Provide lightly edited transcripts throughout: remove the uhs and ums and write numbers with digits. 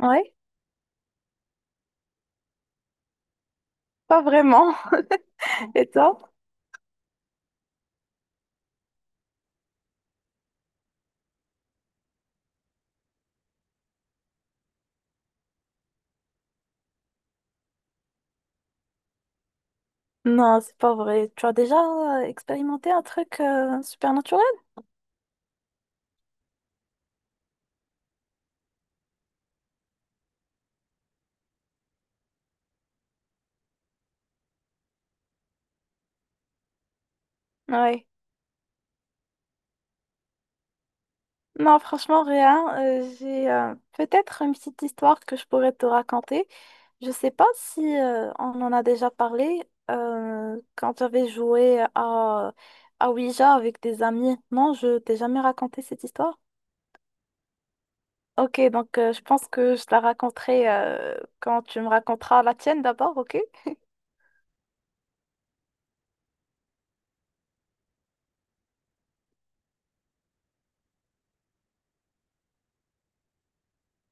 Ouais, pas vraiment. Et toi? Non, c'est pas vrai. Tu as déjà expérimenté un truc supernaturel? Ouais. Non, franchement, rien. J'ai peut-être une petite histoire que je pourrais te raconter. Je sais pas si on en a déjà parlé quand j'avais joué à Ouija avec des amis. Non, je t'ai jamais raconté cette histoire? Ok, donc je pense que je te la raconterai quand tu me raconteras la tienne d'abord, ok?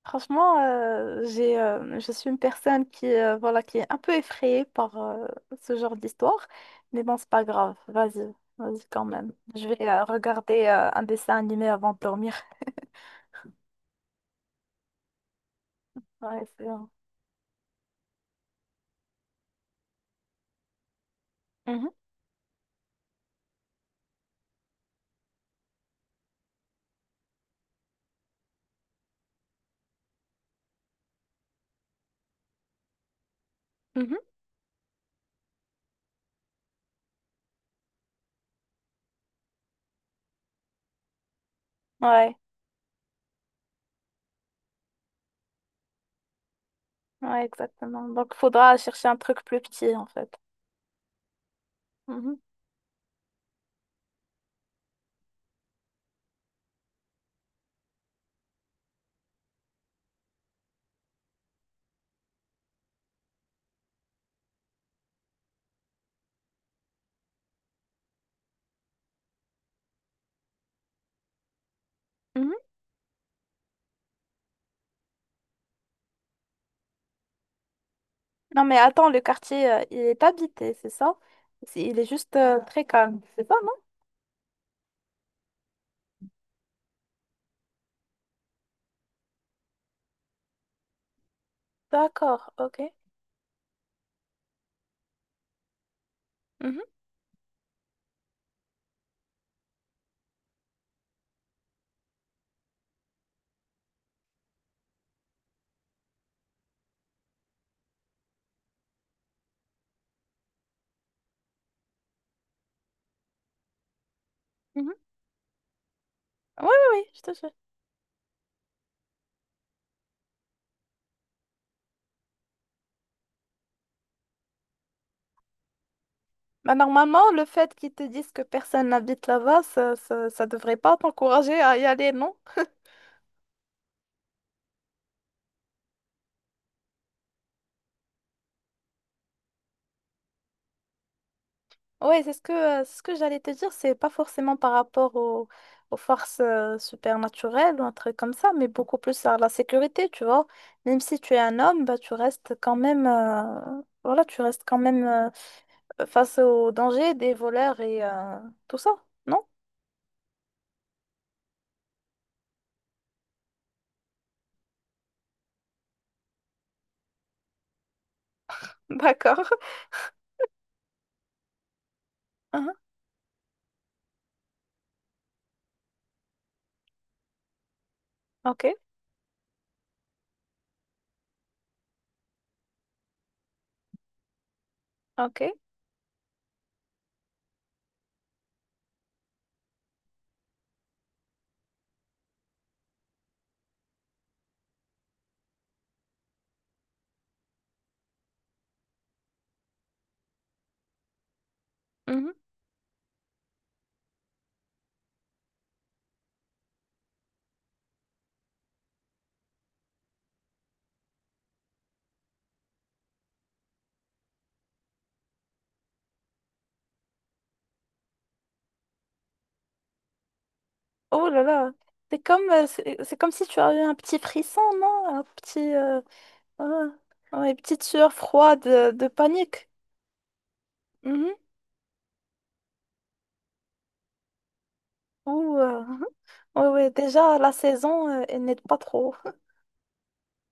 Franchement, j'ai, je suis une personne qui, voilà, qui est un peu effrayée par ce genre d'histoire. Mais bon, c'est pas grave. Vas-y, vas-y quand même. Je vais regarder un dessin animé avant de dormir. Ouais, c'est bon. Mhm, mhm. Ouais, ouais, exactement. Donc, faudra chercher un truc plus petit, en fait. Mhm, mhm. Non, mais attends, le quartier, il est habité, c'est ça? Il est juste très calme, c'est ça, non? D'accord, ok. Mhm, mhm. Oui, oui, oui, je te jure. Bah, normalement, le fait qu'ils te disent que personne n'habite là-bas, ça devrait pas t'encourager à y aller, non? Ouais, c'est ce que j'allais te dire, c'est pas forcément aux forces supernaturelles ou un truc comme ça, mais beaucoup plus à la sécurité, tu vois. Même si tu es un homme, bah, tu restes quand même, voilà, tu restes quand même face aux dangers des voleurs et tout ça, non? D'accord. Mhm. Ok, ok. Mhm. Oh là là, c'est comme, c'est comme si tu avais un petit frisson, non? Un petit, euh, ouais, une petite sueur froide de panique. Mhm. Ou, ouais, ouais, déjà, la saison, elle n'aide pas trop.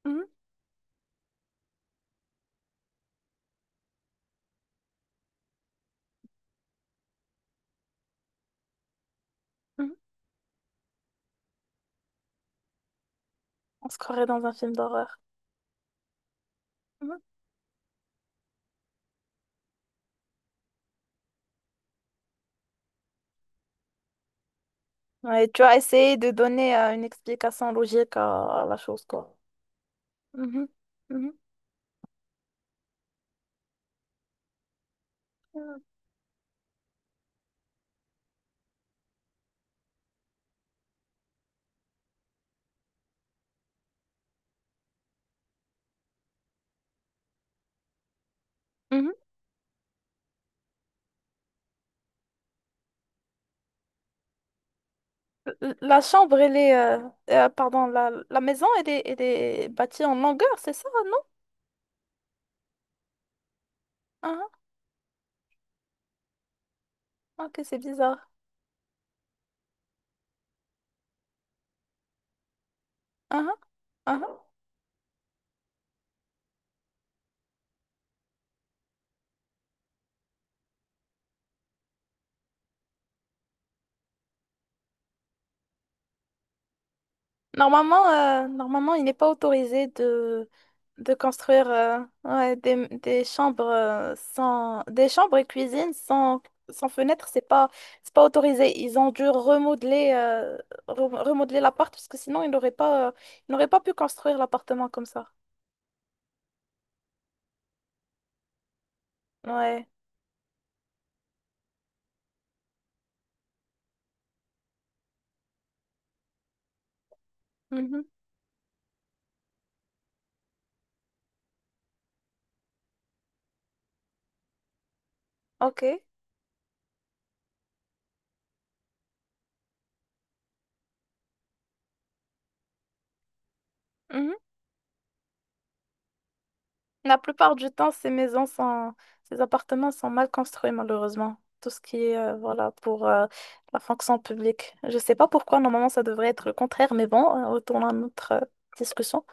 Mhm, mhm. On se croirait dans un film d'horreur. Mhm. Ouais, tu as essayé de donner une explication logique à la chose, quoi. Mhm, mhm, mhm, mhm. La chambre, pardon, la maison, elle est bâtie en longueur, c'est ça, non? Ah, ok, c'est bizarre. Ah ah, ah ah. Normalement, normalement, il n'est pas autorisé de, des chambres sans des chambres et cuisines sans, sans fenêtre, c'est pas autorisé. Ils ont dû remodeler remodeler l'appart parce que sinon ils n'auraient pas pu construire l'appartement comme ça. Ouais. Mhm. Ok. La plupart du temps, ces appartements sont mal construits, malheureusement. Tout ce qui est, voilà, pour la fonction publique. Je sais pas pourquoi, normalement, ça devrait être le contraire, mais bon, retournons à notre discussion.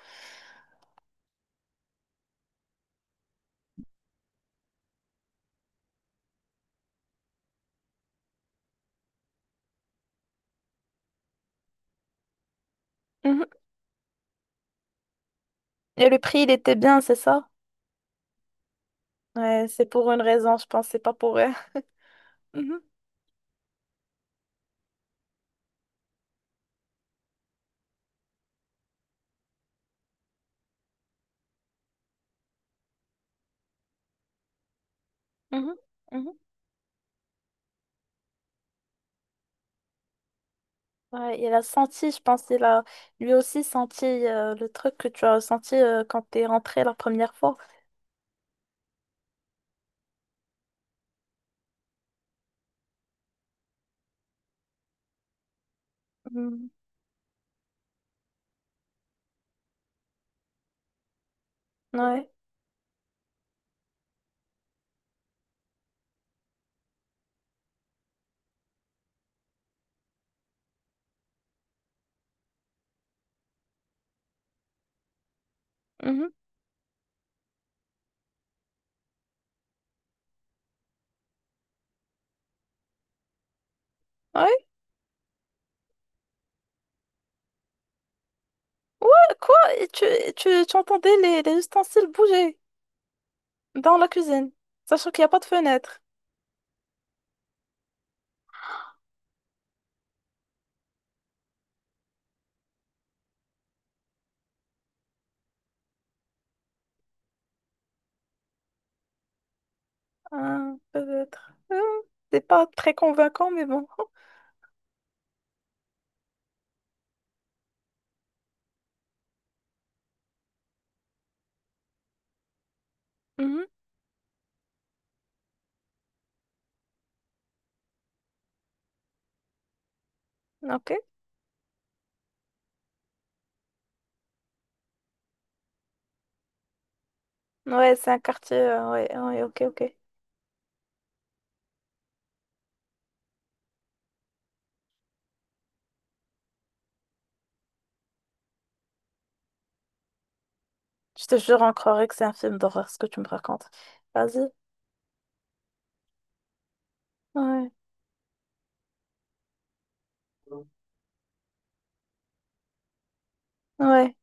Mhm. Et le prix, il était bien, c'est ça? Ouais, c'est pour une raison, je pense, c'est pas pour eux. Mhm, mhm, mhm. Ouais, il a senti, je pense, il a lui aussi senti le truc que tu as ressenti quand t'es rentré la première fois. Mhm. Ouais. Mhm. Ouais, ouais. Quoi? Et tu entendais les ustensiles bouger dans la cuisine, sachant qu'il n'y a pas de fenêtre. Ah, peut-être. Ah, c'est pas très convaincant, mais bon. Mhm, ok. Ouais, c'est un quartier. Ouais, ouais, ok, ok. Je te jure, on croirait que c'est un film d'horreur, ce que tu me racontes. Vas-y. Ouais, ouais.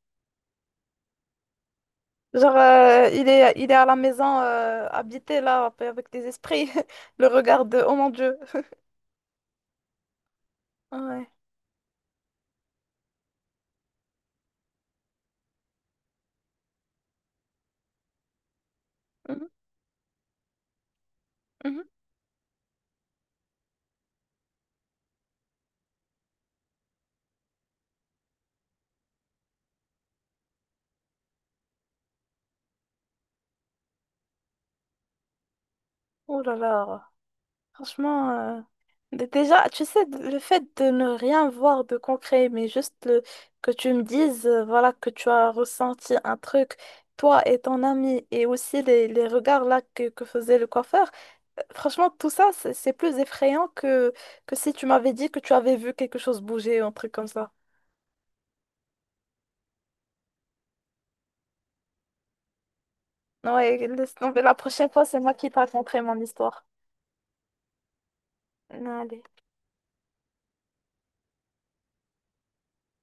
Genre, il est à la maison, habité là, un peu avec des esprits. Le regard de, oh mon Dieu. Ouais. Mhm, mhm. Oh là là. Franchement, déjà, tu sais, le fait de ne rien voir de concret, mais juste que tu me dises, voilà, que tu as ressenti un truc, toi et ton ami, et aussi les regards là que faisait le coiffeur, franchement, tout ça, c'est plus effrayant que si tu m'avais dit que tu avais vu quelque chose bouger un truc comme ça. Ouais, laisse tomber, la prochaine fois, c'est moi qui te raconterai mon histoire. Allez.